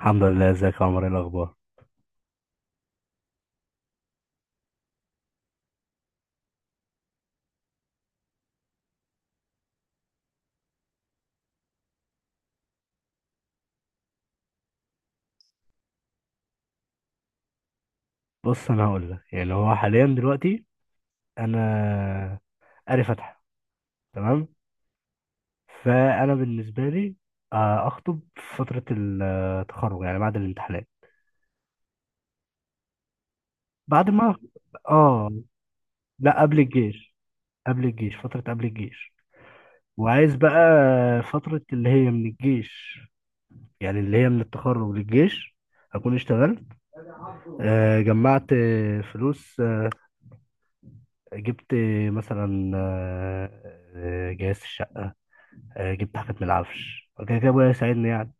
الحمد لله. ازيك يا عمر؟ ايه الاخبار؟ بص، انا هقول لك، يعني هو حاليا دلوقتي انا قاري فاتحه. تمام. فانا بالنسبه لي اخطب في فتره التخرج، يعني بعد الامتحانات. بعد ما اه لا، قبل الجيش. قبل الجيش، فتره قبل الجيش. وعايز بقى فتره اللي هي من الجيش، يعني اللي هي من التخرج للجيش اكون اشتغلت، جمعت فلوس، جبت مثلا جهاز الشقه، جبت حاجات من العفش وكده كده ابويا يساعدني يعني.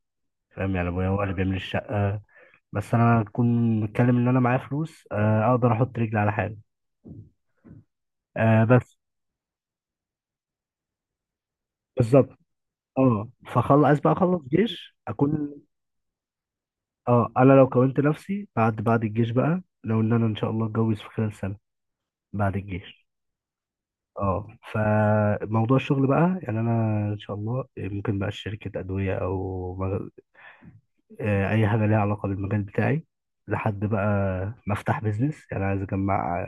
فاهم؟ يعني ابويا هو اللي بيعمل الشقه، بس انا اكون متكلم ان انا معايا فلوس، اقدر احط رجلي على حاجه. بس بالظبط. اه، فخلص بقى، اخلص جيش اكون. اه، انا لو كونت نفسي بعد الجيش بقى، لو ان انا ان شاء الله اتجوز في خلال سنه بعد الجيش. اه، فموضوع الشغل بقى يعني انا ان شاء الله ممكن بقى شركه ادويه او اي حاجه ليها علاقه بالمجال بتاعي، لحد بقى ما افتح بيزنس. يعني عايز اجمع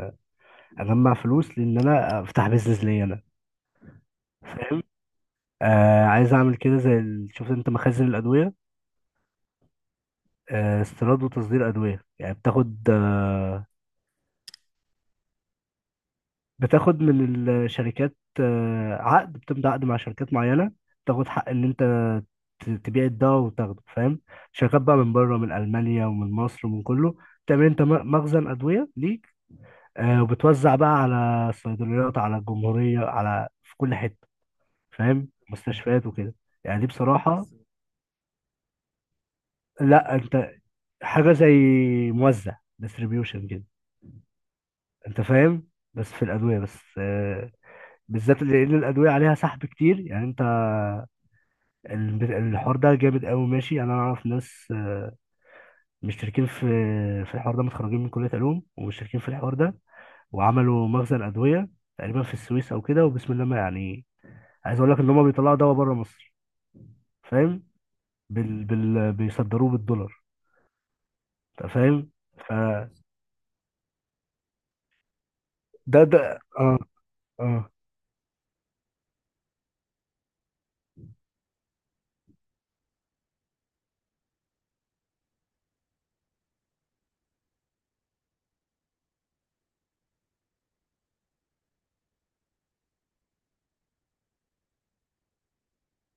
فلوس، لان انا افتح بيزنس ليا انا. فاهم؟ آه، عايز اعمل كده زي شفت انت مخازن الادويه، آه، استيراد وتصدير ادويه. يعني بتاخد آه، بتاخد من الشركات آه، عقد، بتمضي عقد مع شركات معينه. بتاخد حق ان انت تبيع الدواء وتاخده. فاهم؟ شركات بقى من بره، من المانيا ومن مصر ومن كله. تعمل انت مخزن ادويه ليك، آه، وبتوزع بقى على الصيدليات، على الجمهورية، على في كل حتة. فاهم؟ مستشفيات وكده. يعني دي بصراحة. لا انت، حاجة زي موزع، ديستريبيوشن كده. انت فاهم؟ بس في الأدوية بس، بالذات، لأن الأدوية عليها سحب كتير. يعني انت الحوار ده جامد قوي. ماشي؟ يعني انا اعرف ناس مشتركين في الحوار ده، متخرجين من كلية علوم ومشتركين في الحوار ده، وعملوا مخزن أدوية تقريبا في السويس او كده، وبسم الله ما يعني. عايز اقول لك ان هم بيطلعوا دواء بره مصر. فاهم؟ بيصدروه بالدولار. انت فاهم؟ فده، اه، اه،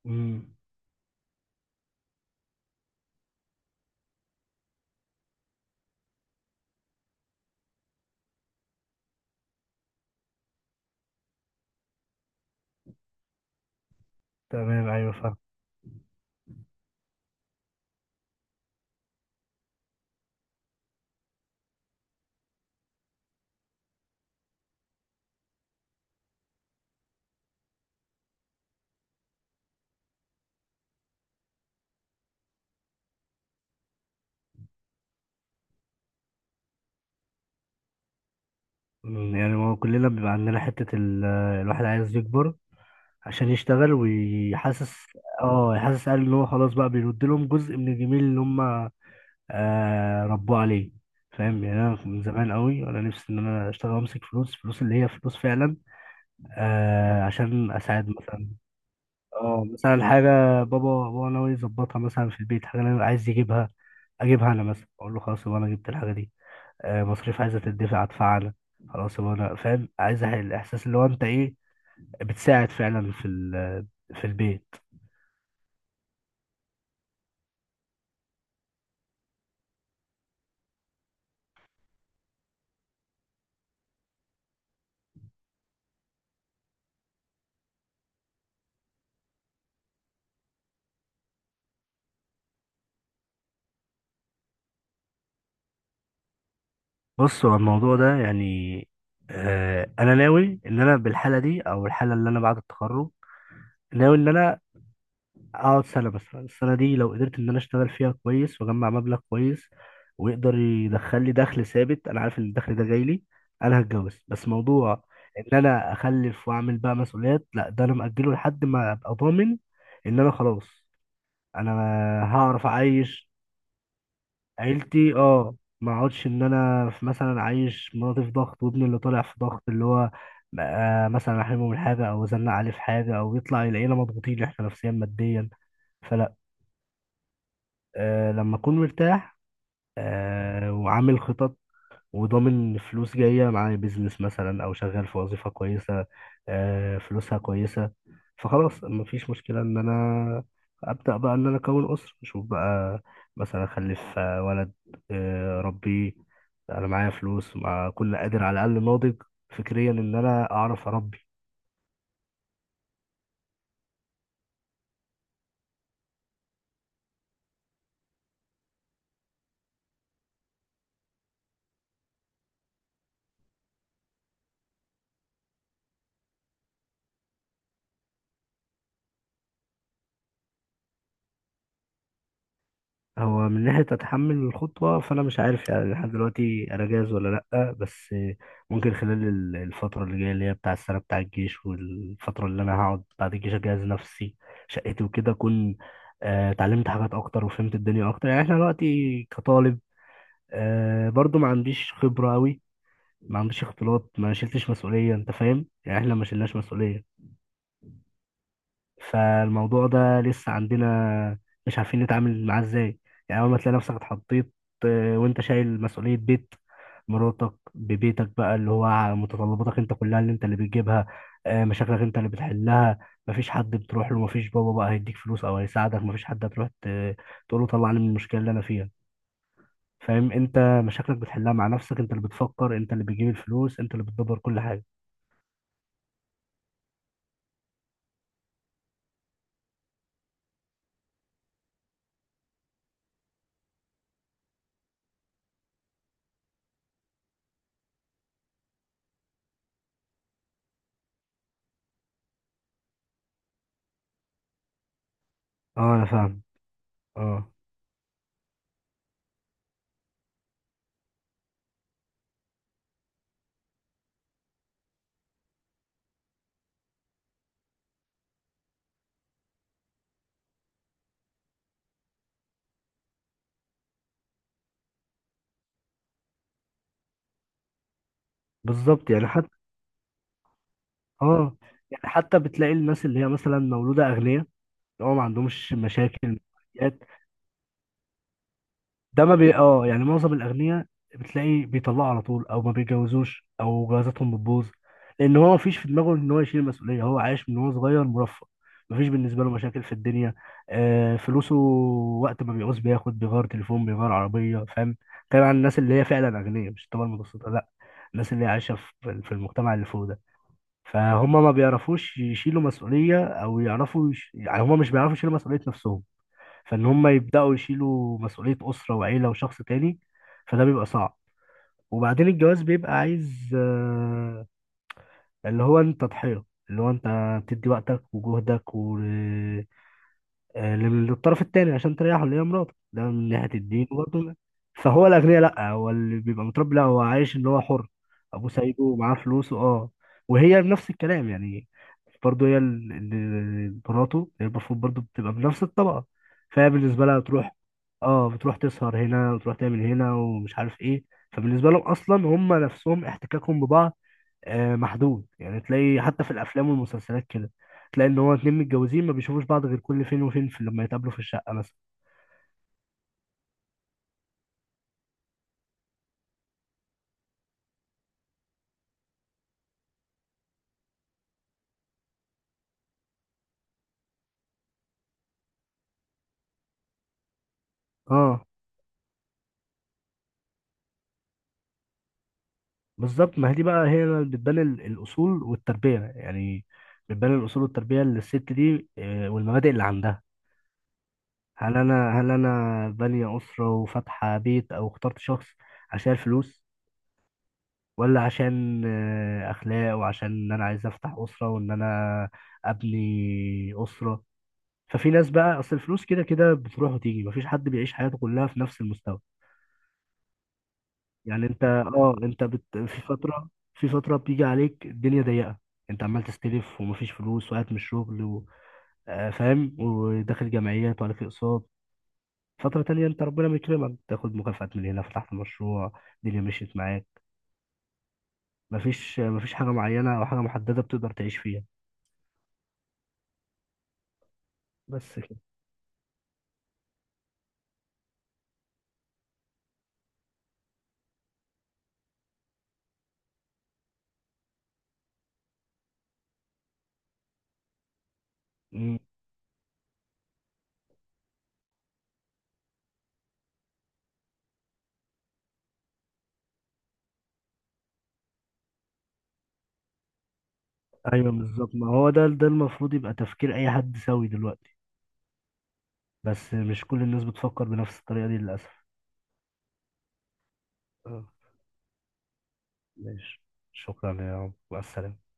امم، تمام، ايوه، فاهم. أمم، يعني هو كلنا بيبقى عندنا حتة الواحد عايز يكبر عشان يشتغل ويحسس. اه، يحسس، قال ان هو خلاص بقى بيرد لهم جزء من الجميل اللي هم ربوه عليه. فاهم؟ يعني انا من زمان قوي وانا نفسي ان انا اشتغل وامسك فلوس، فلوس اللي هي فلوس فعلا، آه، عشان اساعد مثلا. اه، مثلا حاجة بابا هو ناوي يظبطها مثلا في البيت، حاجة أنا عايز يجيبها أجيبها أنا، مثلا أقول له خلاص يبقى أنا جبت الحاجة دي. آه، مصاريف عايزة تدفع، أدفع أنا. خلاص، يبقى أنا فاهم. عايز الإحساس اللي هو أنت إيه، بتساعد فعلا في في البيت. بص، هو الموضوع ده يعني، آه، أنا ناوي إن أنا بالحالة دي، أو الحالة اللي أنا بعد التخرج، ناوي إن أنا اقعد سنه بس. السنه دي لو قدرت ان انا اشتغل فيها كويس واجمع مبلغ كويس ويقدر يدخل لي دخل ثابت، انا عارف ان الدخل ده جاي لي، انا هتجوز. بس موضوع ان انا اخلف واعمل بقى مسؤوليات، لا، ده انا مأجله لحد ما ابقى ضامن ان انا خلاص. انا هعرف اعيش عيلتي. اه، ما اقعدش ان انا في مثلا عايش مراتي في ضغط، وابني اللي طالع في ضغط، اللي هو مثلا احرمه من حاجه او ازنق عليه في حاجه، او يطلع العيله مضغوطين احنا نفسيا ماديا. فلا. أه، لما أكون مرتاح، أه وعامل خطط، وضامن فلوس جاية معايا، بيزنس مثلا أو شغال في وظيفة كويسة، أه فلوسها كويسة. فخلاص مفيش مشكلة إن أنا أبدأ بقى إن أنا أكون أسرة، أشوف بقى مثلا أخلف ولد، أه ربيه. أنا معايا فلوس، مع كل قادر، على الأقل ناضج فكريا إن أنا أعرف أربي. هو من ناحية أتحمل الخطوة، فأنا مش عارف يعني، لحد دلوقتي أنا جاهز ولا لأ، بس ممكن خلال الفترة اللي جاية اللي هي بتاع السنة بتاع الجيش، والفترة اللي أنا هقعد بعد الجيش، أجهز نفسي، شقتي وكده، أكون اتعلمت حاجات أكتر وفهمت الدنيا أكتر. يعني إحنا دلوقتي كطالب، برضو ما عنديش خبرة أوي، ما عنديش اختلاط، ما شلتش مسؤولية. أنت فاهم يعني؟ إحنا ما شلناش مسؤولية، فالموضوع ده لسه عندنا مش عارفين نتعامل معاه ازاي. يعني اول ما تلاقي نفسك اتحطيت وانت شايل مسؤولية بيت، مراتك ببيتك بقى، اللي هو على متطلباتك انت كلها اللي انت اللي بتجيبها، مشاكلك انت اللي بتحلها، مفيش حد بتروح له، مفيش بابا بقى هيديك فلوس او هيساعدك، مفيش حد هتروح تقول له طلعني من المشكلة اللي انا فيها. فاهم انت؟ مشاكلك بتحلها مع نفسك، انت اللي بتفكر، انت اللي بتجيب الفلوس، انت اللي بتدبر كل حاجة. اه، انا فاهم. اه بالظبط يعني حتى. اه يعني حتى بتلاقي الناس اللي هي مثلا مولودة أغنياء، اللي هو ما عندهمش مشاكل ماديات. ده ما بي اه يعني معظم الأغنياء بتلاقي بيطلعوا على طول، أو ما بيتجوزوش، أو جوازاتهم بتبوظ، لأن هو ما فيش في دماغه إن هو يشيل المسؤولية. هو عايش من وهو صغير مرفه، ما فيش بالنسبة له مشاكل في الدنيا. آه، فلوسه، وقت ما بيعوز بياخد، بيغير تليفون، بيغير عربية. فاهم؟ كلام عن الناس اللي هي فعلا أغنياء، مش الطبقة المتوسطة لا، الناس اللي هي عايشة في المجتمع اللي فوق ده. فهم ما بيعرفوش يشيلوا مسؤولية، أو يعرفوا يعني هم مش بيعرفوا يشيلوا مسؤولية نفسهم، فإن هم يبدأوا يشيلوا مسؤولية أسرة وعيلة وشخص تاني، فده بيبقى صعب. وبعدين الجواز بيبقى عايز اللي هو أنت ضحية، اللي هو أنت تدي وقتك وجهدك للطرف التاني عشان تريحه، اللي هي مراته، ده من ناحية الدين برضه. فهو الأغنياء لأ، هو اللي بيبقى متربي لأ، هو عايش إن هو حر. أبوه سايبه ومعاه فلوسه. أه، وهي بنفس الكلام يعني، برضه هي مراته، هي المفروض برضه بتبقى بنفس الطبقة. فهي بالنسبة لها بتروح. أه بتروح تسهر هنا وتروح تعمل هنا ومش عارف إيه. فبالنسبة لهم أصلا هم نفسهم احتكاكهم ببعض محدود. يعني تلاقي حتى في الافلام والمسلسلات كده، تلاقي ان هو اتنين متجوزين ما بيشوفوش بعض غير كل فين وفين، في لما يتقابلوا في الشقه مثلا. اه بالظبط. ما هي دي بقى هي اللي بتبان الاصول والتربيه يعني، بتبان الاصول والتربيه للست دي، والمبادئ اللي عندها. هل انا بانيه اسره وفاتحه بيت، او اخترت شخص عشان الفلوس، ولا عشان اخلاق، وعشان ان انا عايز افتح اسره وان انا ابني اسره. ففي ناس بقى، اصل الفلوس كده كده بتروح وتيجي، مفيش حد بيعيش حياته كلها في نفس المستوى. يعني انت اه، انت في فتره، بتيجي عليك الدنيا ضيقه، انت عمال تستلف ومفيش فلوس وقاعد من الشغل فاهم؟ وداخل جمعيات وعليك اقساط. فتره تانية انت ربنا بيكرمك، تاخد مكافآت من هنا، فتحت مشروع، الدنيا مشيت معاك. مفيش حاجه معينه او حاجه محدده بتقدر تعيش فيها. بس كده. مم. ايوه بالظبط. ما هو ده المفروض يبقى تفكير اي حد سوي دلوقتي، بس مش كل الناس بتفكر بنفس الطريقة دي للأسف. اه، ماشي. شكرا يا عم، مع السلامة.